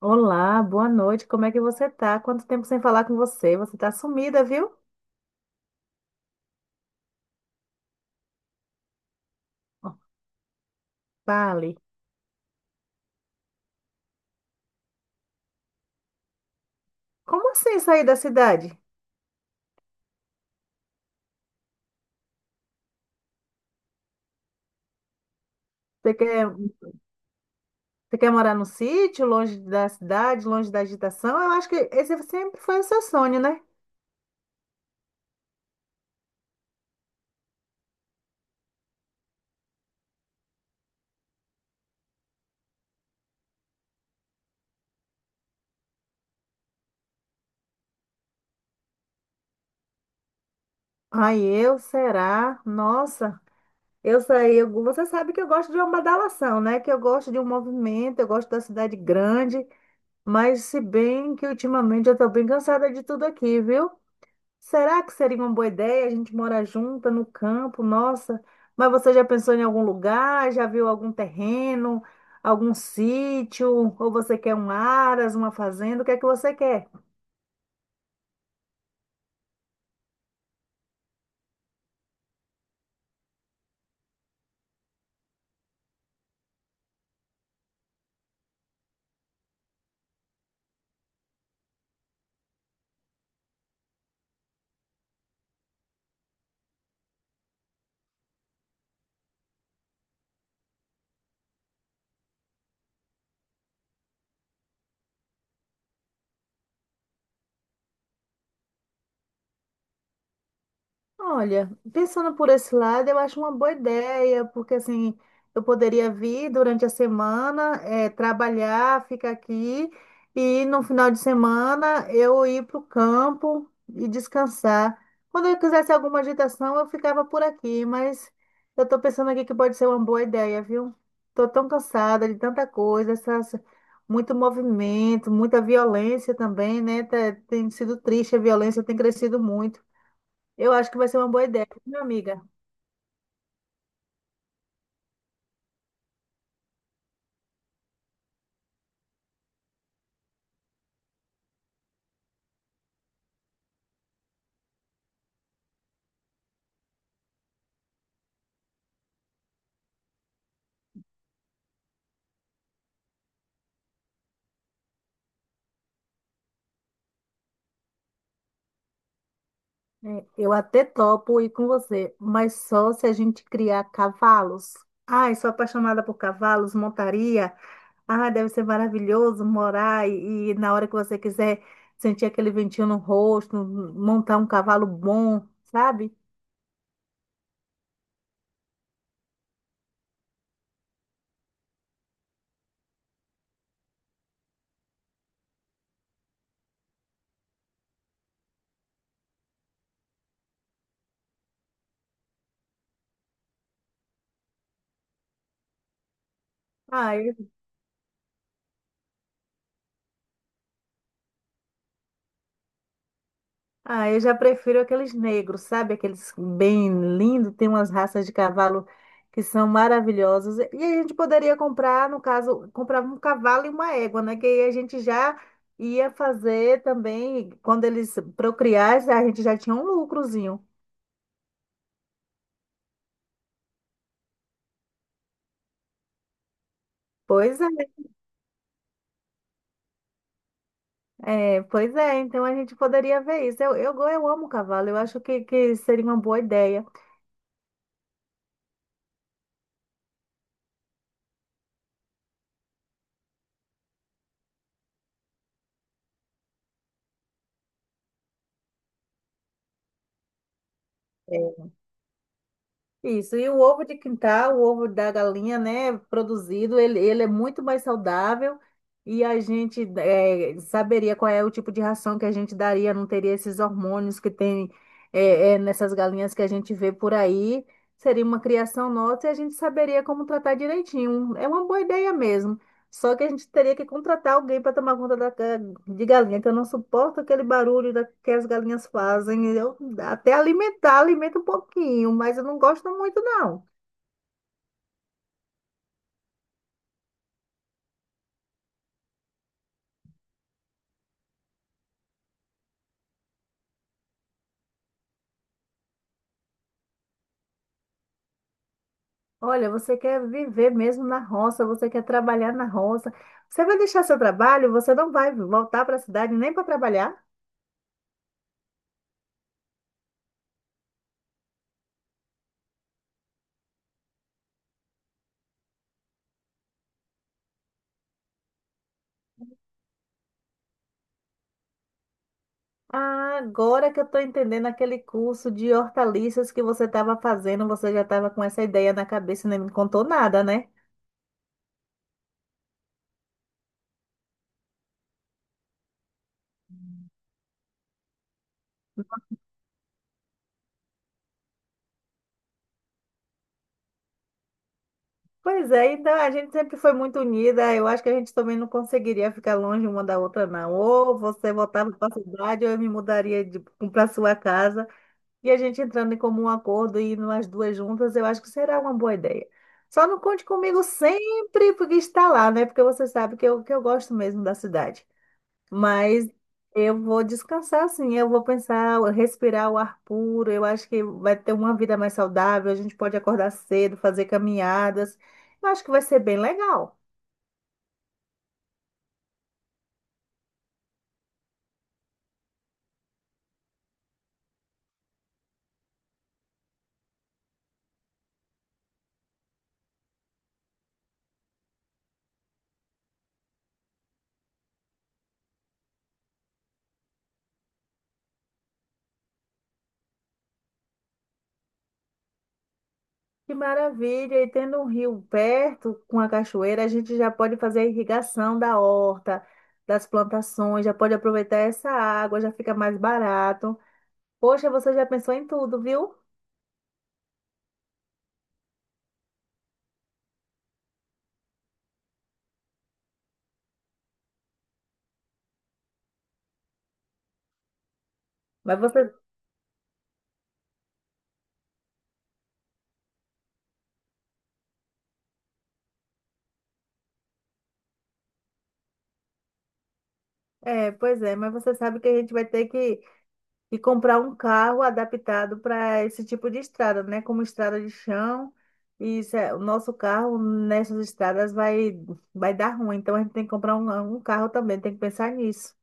Olá, boa noite. Como é que você tá? Quanto tempo sem falar com você? Você tá sumida, viu? Ó, Fale. Como assim sair da cidade? Você quer morar num sítio, longe da cidade, longe da agitação? Eu acho que esse sempre foi o seu sonho, né? Ai, eu, será? Nossa, eu saí. Você sabe que eu gosto de uma badalação, né? Que eu gosto de um movimento, eu gosto da cidade grande. Mas se bem que ultimamente eu tô bem cansada de tudo aqui, viu? Será que seria uma boa ideia a gente morar junta no campo? Nossa, mas você já pensou em algum lugar? Já viu algum terreno, algum sítio? Ou você quer um aras, uma fazenda? O que é que você quer? Olha, pensando por esse lado, eu acho uma boa ideia, porque assim, eu poderia vir durante a semana, trabalhar, ficar aqui, e no final de semana eu ir para o campo e descansar. Quando eu quisesse alguma agitação, eu ficava por aqui, mas eu estou pensando aqui que pode ser uma boa ideia, viu? Estou tão cansada de tanta coisa, muito movimento, muita violência também, né? Tem sido triste, a violência tem crescido muito. Eu acho que vai ser uma boa ideia, minha amiga. É, eu até topo ir com você, mas só se a gente criar cavalos. Ai, sou apaixonada por cavalos, montaria. Ai, deve ser maravilhoso morar e na hora que você quiser sentir aquele ventinho no rosto, montar um cavalo bom, sabe? Ah, Ah, eu já prefiro aqueles negros, sabe? Aqueles bem lindos, tem umas raças de cavalo que são maravilhosas. E a gente poderia comprar, no caso, comprava um cavalo e uma égua, né? Que aí a gente já ia fazer também, quando eles procriassem, a gente já tinha um lucrozinho. Pois é, é, pois é, então a gente poderia ver isso. Eu amo cavalo, eu acho que seria uma boa ideia. Isso, e o ovo de quintal, o ovo da galinha, né, produzido, ele é muito mais saudável e a gente saberia qual é o tipo de ração que a gente daria, não teria esses hormônios que tem nessas galinhas que a gente vê por aí. Seria uma criação nossa e a gente saberia como tratar direitinho. É uma boa ideia mesmo. Só que a gente teria que contratar alguém para tomar conta de galinha, que eu não suporto aquele barulho que as galinhas fazem. Eu até alimentar, alimento um pouquinho, mas eu não gosto muito, não. Olha, você quer viver mesmo na roça, você quer trabalhar na roça. Você vai deixar seu trabalho, você não vai voltar para a cidade nem para trabalhar? Ah, agora que eu estou entendendo aquele curso de hortaliças que você estava fazendo, você já estava com essa ideia na cabeça e nem me contou nada, né? Pois é, então a gente sempre foi muito unida. Eu acho que a gente também não conseguiria ficar longe uma da outra, não. Ou você voltava para a cidade, ou eu me mudaria para sua casa. E a gente entrando em comum acordo e indo as duas juntas, eu acho que será uma boa ideia. Só não conte comigo sempre porque está lá, né? Porque você sabe que eu gosto mesmo da cidade. Mas eu vou descansar, assim, eu vou pensar, respirar o ar puro, eu acho que vai ter uma vida mais saudável, a gente pode acordar cedo, fazer caminhadas. Eu acho que vai ser bem legal. Que maravilha! E tendo um rio perto com a cachoeira, a gente já pode fazer a irrigação da horta, das plantações, já pode aproveitar essa água, já fica mais barato. Poxa, você já pensou em tudo, viu? Mas você, É, pois é, mas você sabe que a gente vai ter que comprar um carro adaptado para esse tipo de estrada, né? Como estrada de chão. E o nosso carro nessas estradas vai dar ruim. Então a gente tem que comprar um carro também, tem que pensar nisso.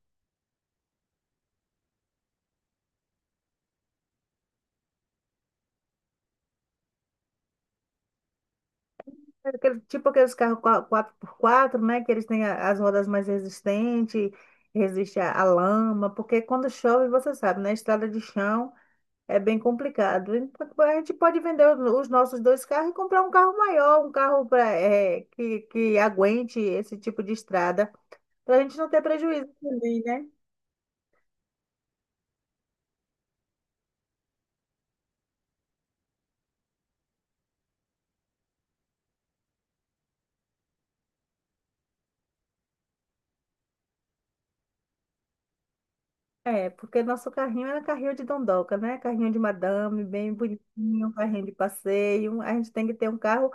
Tipo aqueles carros quatro por quatro, né? Que eles têm as rodas mais resistentes, resiste à lama, porque quando chove, você sabe, né? Estrada de chão. É bem complicado. A gente pode vender os nossos dois carros e comprar um carro maior, um carro pra que aguente esse tipo de estrada, para a gente não ter prejuízo também, né? É, porque nosso carrinho era carrinho de dondoca, né? Carrinho de madame, bem bonitinho, carrinho de passeio. A gente tem que ter um carro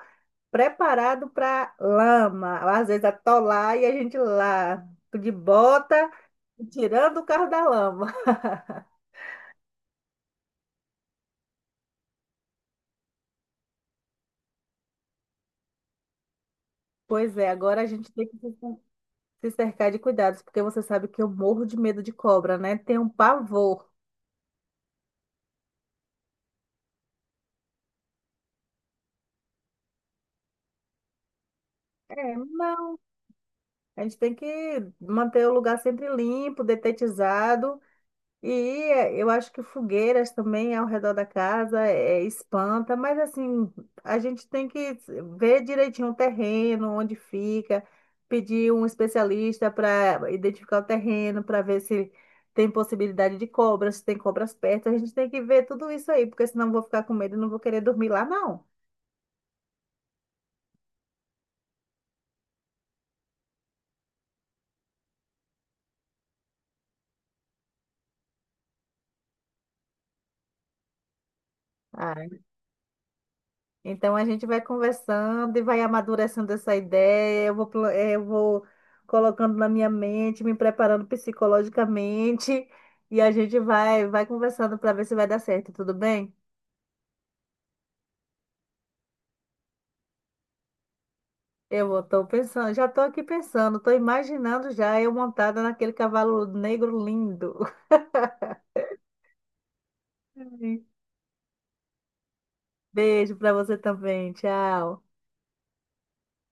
preparado para lama, às vezes atolar e a gente lá de bota, tirando o carro da lama. Pois é, agora a gente tem que se cercar de cuidados, porque você sabe que eu morro de medo de cobra, né? Tenho um pavor. É, não. A gente tem que manter o lugar sempre limpo, detetizado. E eu acho que fogueiras também ao redor da casa espanta, mas assim, a gente tem que ver direitinho o terreno, onde fica, pedir um especialista para identificar o terreno, para ver se tem possibilidade de cobras, se tem cobras perto. A gente tem que ver tudo isso aí, porque senão eu vou ficar com medo e não vou querer dormir lá, não. Então a gente vai conversando e vai amadurecendo essa ideia. Eu vou colocando na minha mente, me preparando psicologicamente e a gente vai conversando para ver se vai dar certo, tudo bem? Eu estou pensando, já estou aqui pensando, estou imaginando já eu montada naquele cavalo negro lindo. Beijo para você também, tchau.